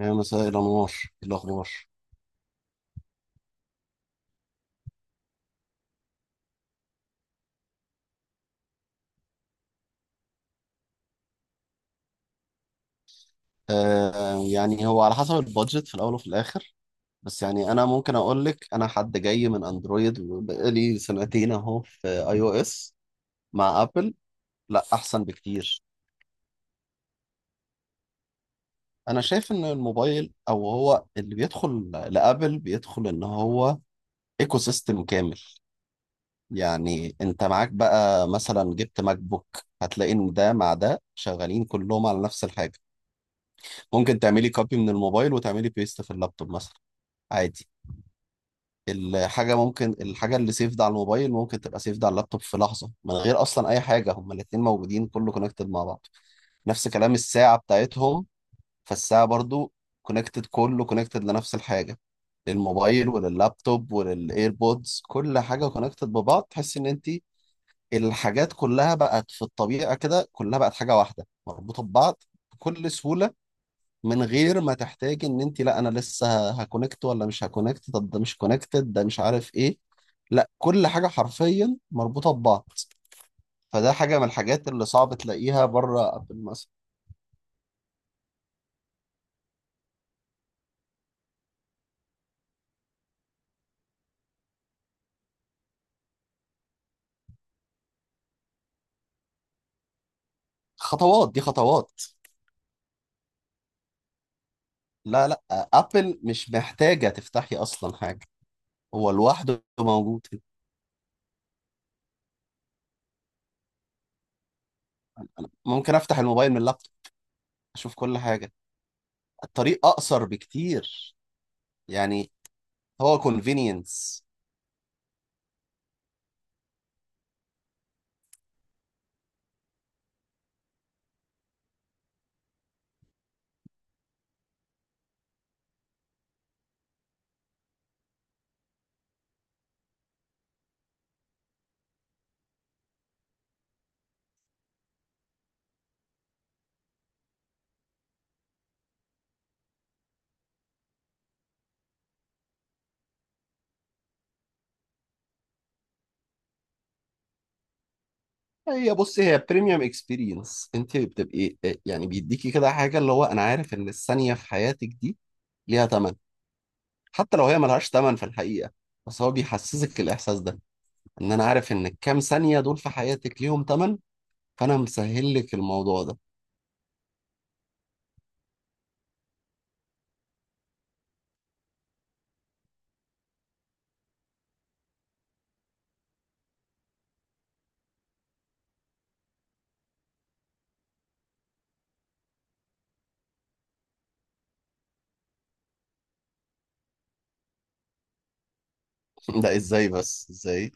يا مساء الأنوار. إيه الأخبار؟ آه، يعني هو على حسب البادجت في الأول وفي الآخر. بس يعني أنا ممكن أقول لك، أنا حد جاي من أندرويد وبقالي سنتين أهو في أي أو إس مع أبل. لا، أحسن بكتير. أنا شايف إن الموبايل، أو هو اللي بيدخل لأبل، بيدخل إن هو إيكو سيستم كامل. يعني أنت معاك بقى مثلا جبت ماك بوك، هتلاقي إن ده مع ده شغالين كلهم على نفس الحاجة. ممكن تعملي كوبي من الموبايل وتعملي بيست في اللابتوب مثلا، عادي. الحاجة اللي سيفد على الموبايل ممكن تبقى سيفد على اللابتوب في لحظة من غير أصلا أي حاجة، هما الاتنين موجودين، كله كونكتد مع بعض. نفس كلام الساعة بتاعتهم. فالساعة برضو كونكتد، كله كونكتد لنفس الحاجة، للموبايل ولللابتوب وللايربودز، كل حاجة كونكتد ببعض، تحس إن أنت الحاجات كلها بقت في الطبيعة كده، كلها بقت حاجة واحدة مربوطة ببعض بكل سهولة، من غير ما تحتاجي ان انت، لا انا لسه هكونكت ولا مش هكونكت، طب ده مش كونكتد، ده مش عارف ايه. لا، كل حاجه حرفيا مربوطه ببعض. فده حاجه من الحاجات اللي صعب تلاقيها بره ابل مثلا. خطوات، دي خطوات. لا لا، ابل مش محتاجه تفتحي اصلا حاجه. هو لوحده موجود كده. ممكن افتح الموبايل من اللابتوب، اشوف كل حاجه. الطريق اقصر بكتير. يعني هو convenience. هي، بص، هي بريميوم اكسبيرينس، انت بتبقي، يعني بيديكي كده حاجه، اللي هو انا عارف ان الثانيه في حياتك دي ليها ثمن. حتى لو هي ملهاش ثمن في الحقيقه، بس هو بيحسسك الاحساس ده، ان انا عارف ان الكام ثانيه دول في حياتك ليهم ثمن. فانا مسهل لك الموضوع ده. ده ازاي بس، ازاي؟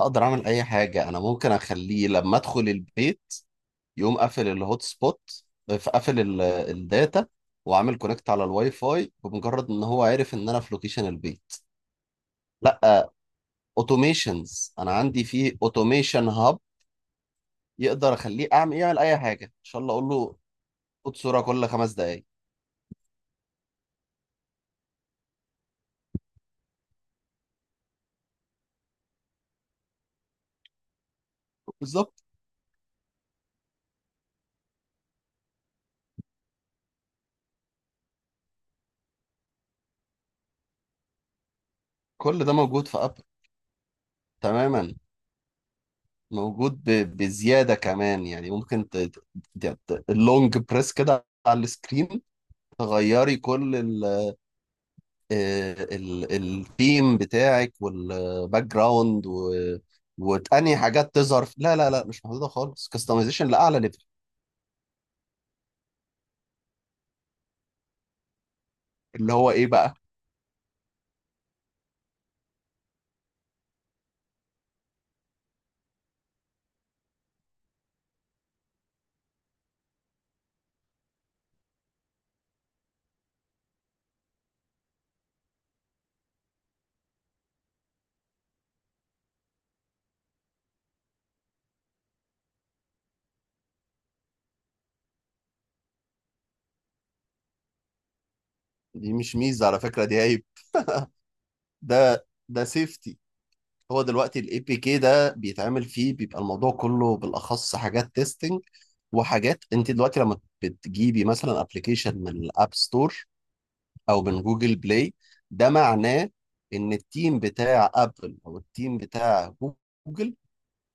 اقدر اعمل اي حاجه، انا ممكن اخليه لما ادخل البيت يقوم قافل الهوت سبوت، قافل الداتا، وعامل كونكت على الواي فاي، بمجرد ان هو عارف ان انا في لوكيشن البيت. لا، اوتوميشنز، انا عندي فيه اوتوميشن هاب، يقدر اخليه اعمل، يعمل اي حاجه ان شاء الله اقول له. خد صوره كل 5 دقائق. بالظبط. كل ده موجود في ابل. تماما. موجود بزياده كمان، يعني ممكن اللونج بريس كده على السكرين، تغيري كل ال آه، ال الثيم بتاعك والباك جراوند و... وتاني حاجات تظهر لا لا لا، مش محدوده خالص، كاستمايزيشن لاعلى ليفل. اللي هو ايه بقى؟ دي مش ميزه، على فكره دي عيب. ده سيفتي. هو دلوقتي الاي بي كي ده بيتعمل فيه، بيبقى الموضوع كله بالاخص حاجات تيستنج. وحاجات انت دلوقتي لما بتجيبي مثلا ابلكيشن من الاب ستور او من جوجل بلاي، ده معناه ان التيم بتاع ابل او التيم بتاع جوجل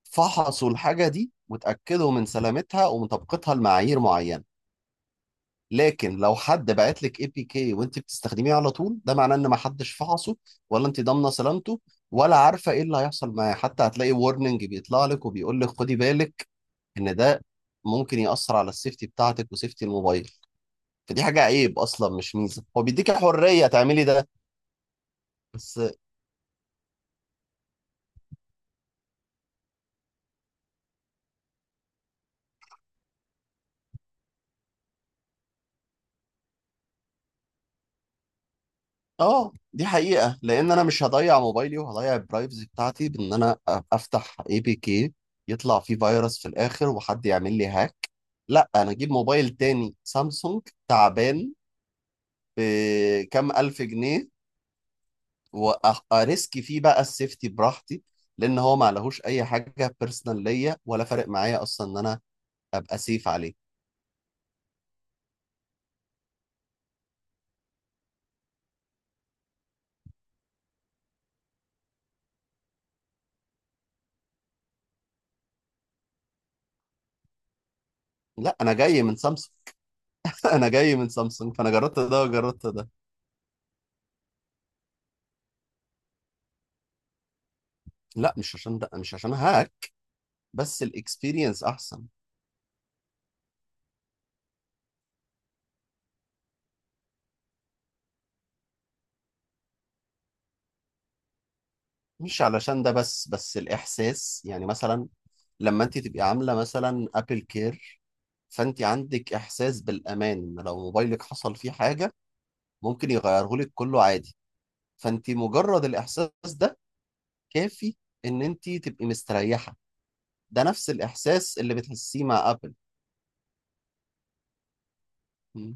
فحصوا الحاجه دي وتاكدوا من سلامتها ومن طبقتها لمعايير معينه. لكن لو حد بعت لك اي بي كي وانت بتستخدميه على طول، ده معناه ان ما حدش فحصه، ولا انت ضامنه سلامته، ولا عارفه ايه اللي هيحصل معاه. حتى هتلاقي وورنينج بيطلع لك وبيقول لك خدي بالك ان ده ممكن يأثر على السيفتي بتاعتك وسيفتي الموبايل. فدي حاجه عيب اصلا مش ميزه، هو بيديك حريه تعملي ده بس. اه، دي حقيقة، لأن أنا مش هضيع موبايلي وهضيع البرايفسي بتاعتي بإن أنا أفتح اي بي كي يطلع فيه فيروس في الآخر وحد يعمل لي هاك. لا أنا أجيب موبايل تاني سامسونج تعبان بكام ألف جنيه وأريسك فيه بقى السيفتي براحتي، لأن هو ما عليهوش أي حاجة بيرسونال ليا ولا فارق معايا أصلا إن أنا أبقى سيف عليه. لا، أنا جاي من سامسونج. أنا جاي من سامسونج، فأنا جربت ده وجربت ده. لا مش عشان ده، مش عشان هاك، بس الاكسبيرينس احسن. مش علشان ده بس الإحساس، يعني مثلا لما أنت تبقي عاملة مثلا أبل كير، فأنت عندك إحساس بالأمان إن لو موبايلك حصل فيه حاجة ممكن يغيره لك كله عادي. فأنت مجرد الإحساس ده كافي إن أنت تبقي مستريحة. ده نفس الإحساس اللي بتحسيه مع أبل. م.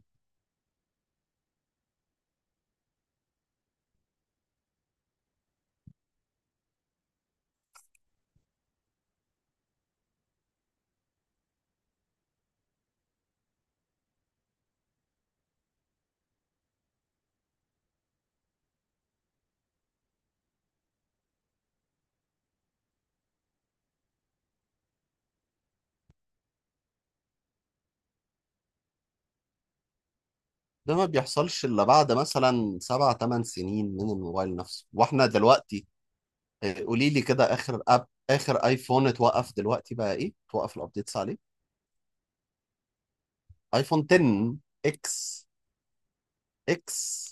ده ما بيحصلش إلا بعد مثلا سبع تمن سنين من الموبايل نفسه، وإحنا دلوقتي. آه، قولي لي كده، آخر أب، آخر آيفون اتوقف دلوقتي بقى إيه؟ توقف الأبديتس عليه. ايفون 10، اكس اكس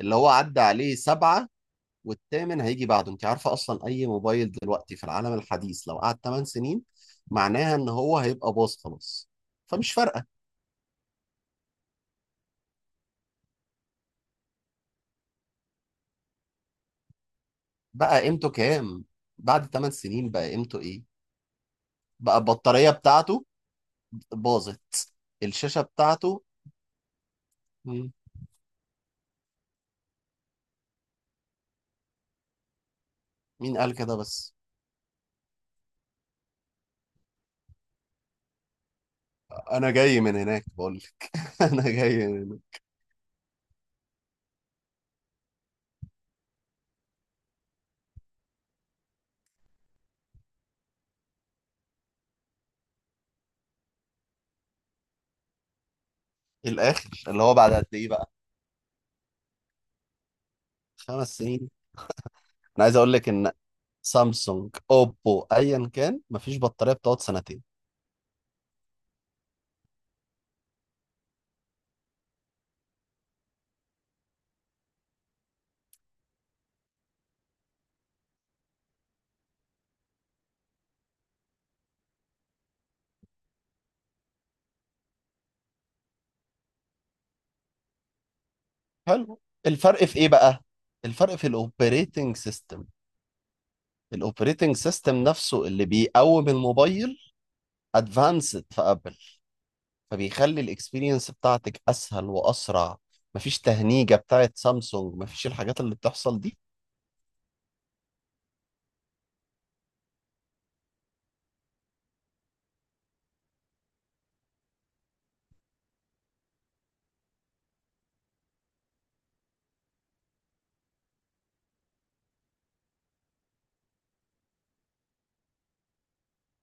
اللي هو عدى عليه سبعة، والثامن هيجي بعده. انت عارفة اصلا اي موبايل دلوقتي في العالم الحديث لو قعد 8 سنين معناها ان هو هيبقى باظ خلاص، فمش فارقة. بقى قيمته كام؟ بعد 8 سنين بقى قيمته ايه؟ بقى البطارية بتاعته باظت، الشاشة بتاعته. مم، مين قال كده بس؟ انا جاي من هناك بقول لك. انا جاي من هناك. الاخر اللي هو بعد قد ايه بقى؟ 5 سنين؟ انا عايز اقول لك ان سامسونج، اوبو، ايا كان، مفيش بطاريه بتقعد سنتين. حلو. الفرق في ايه بقى؟ الفرق في الاوبريتنج سيستم. الاوبريتنج سيستم نفسه اللي بيقوم الموبايل ادفانسد في ابل، فبيخلي الاكسبيرينس بتاعتك اسهل واسرع. مفيش تهنيجه بتاعت سامسونج، مفيش الحاجات اللي بتحصل دي.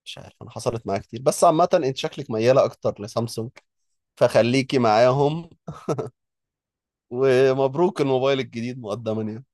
مش عارف، انا حصلت معايا كتير، بس عامه انت شكلك مياله اكتر لسامسونج، فخليكي معاهم. ومبروك الموبايل الجديد مقدما يعني.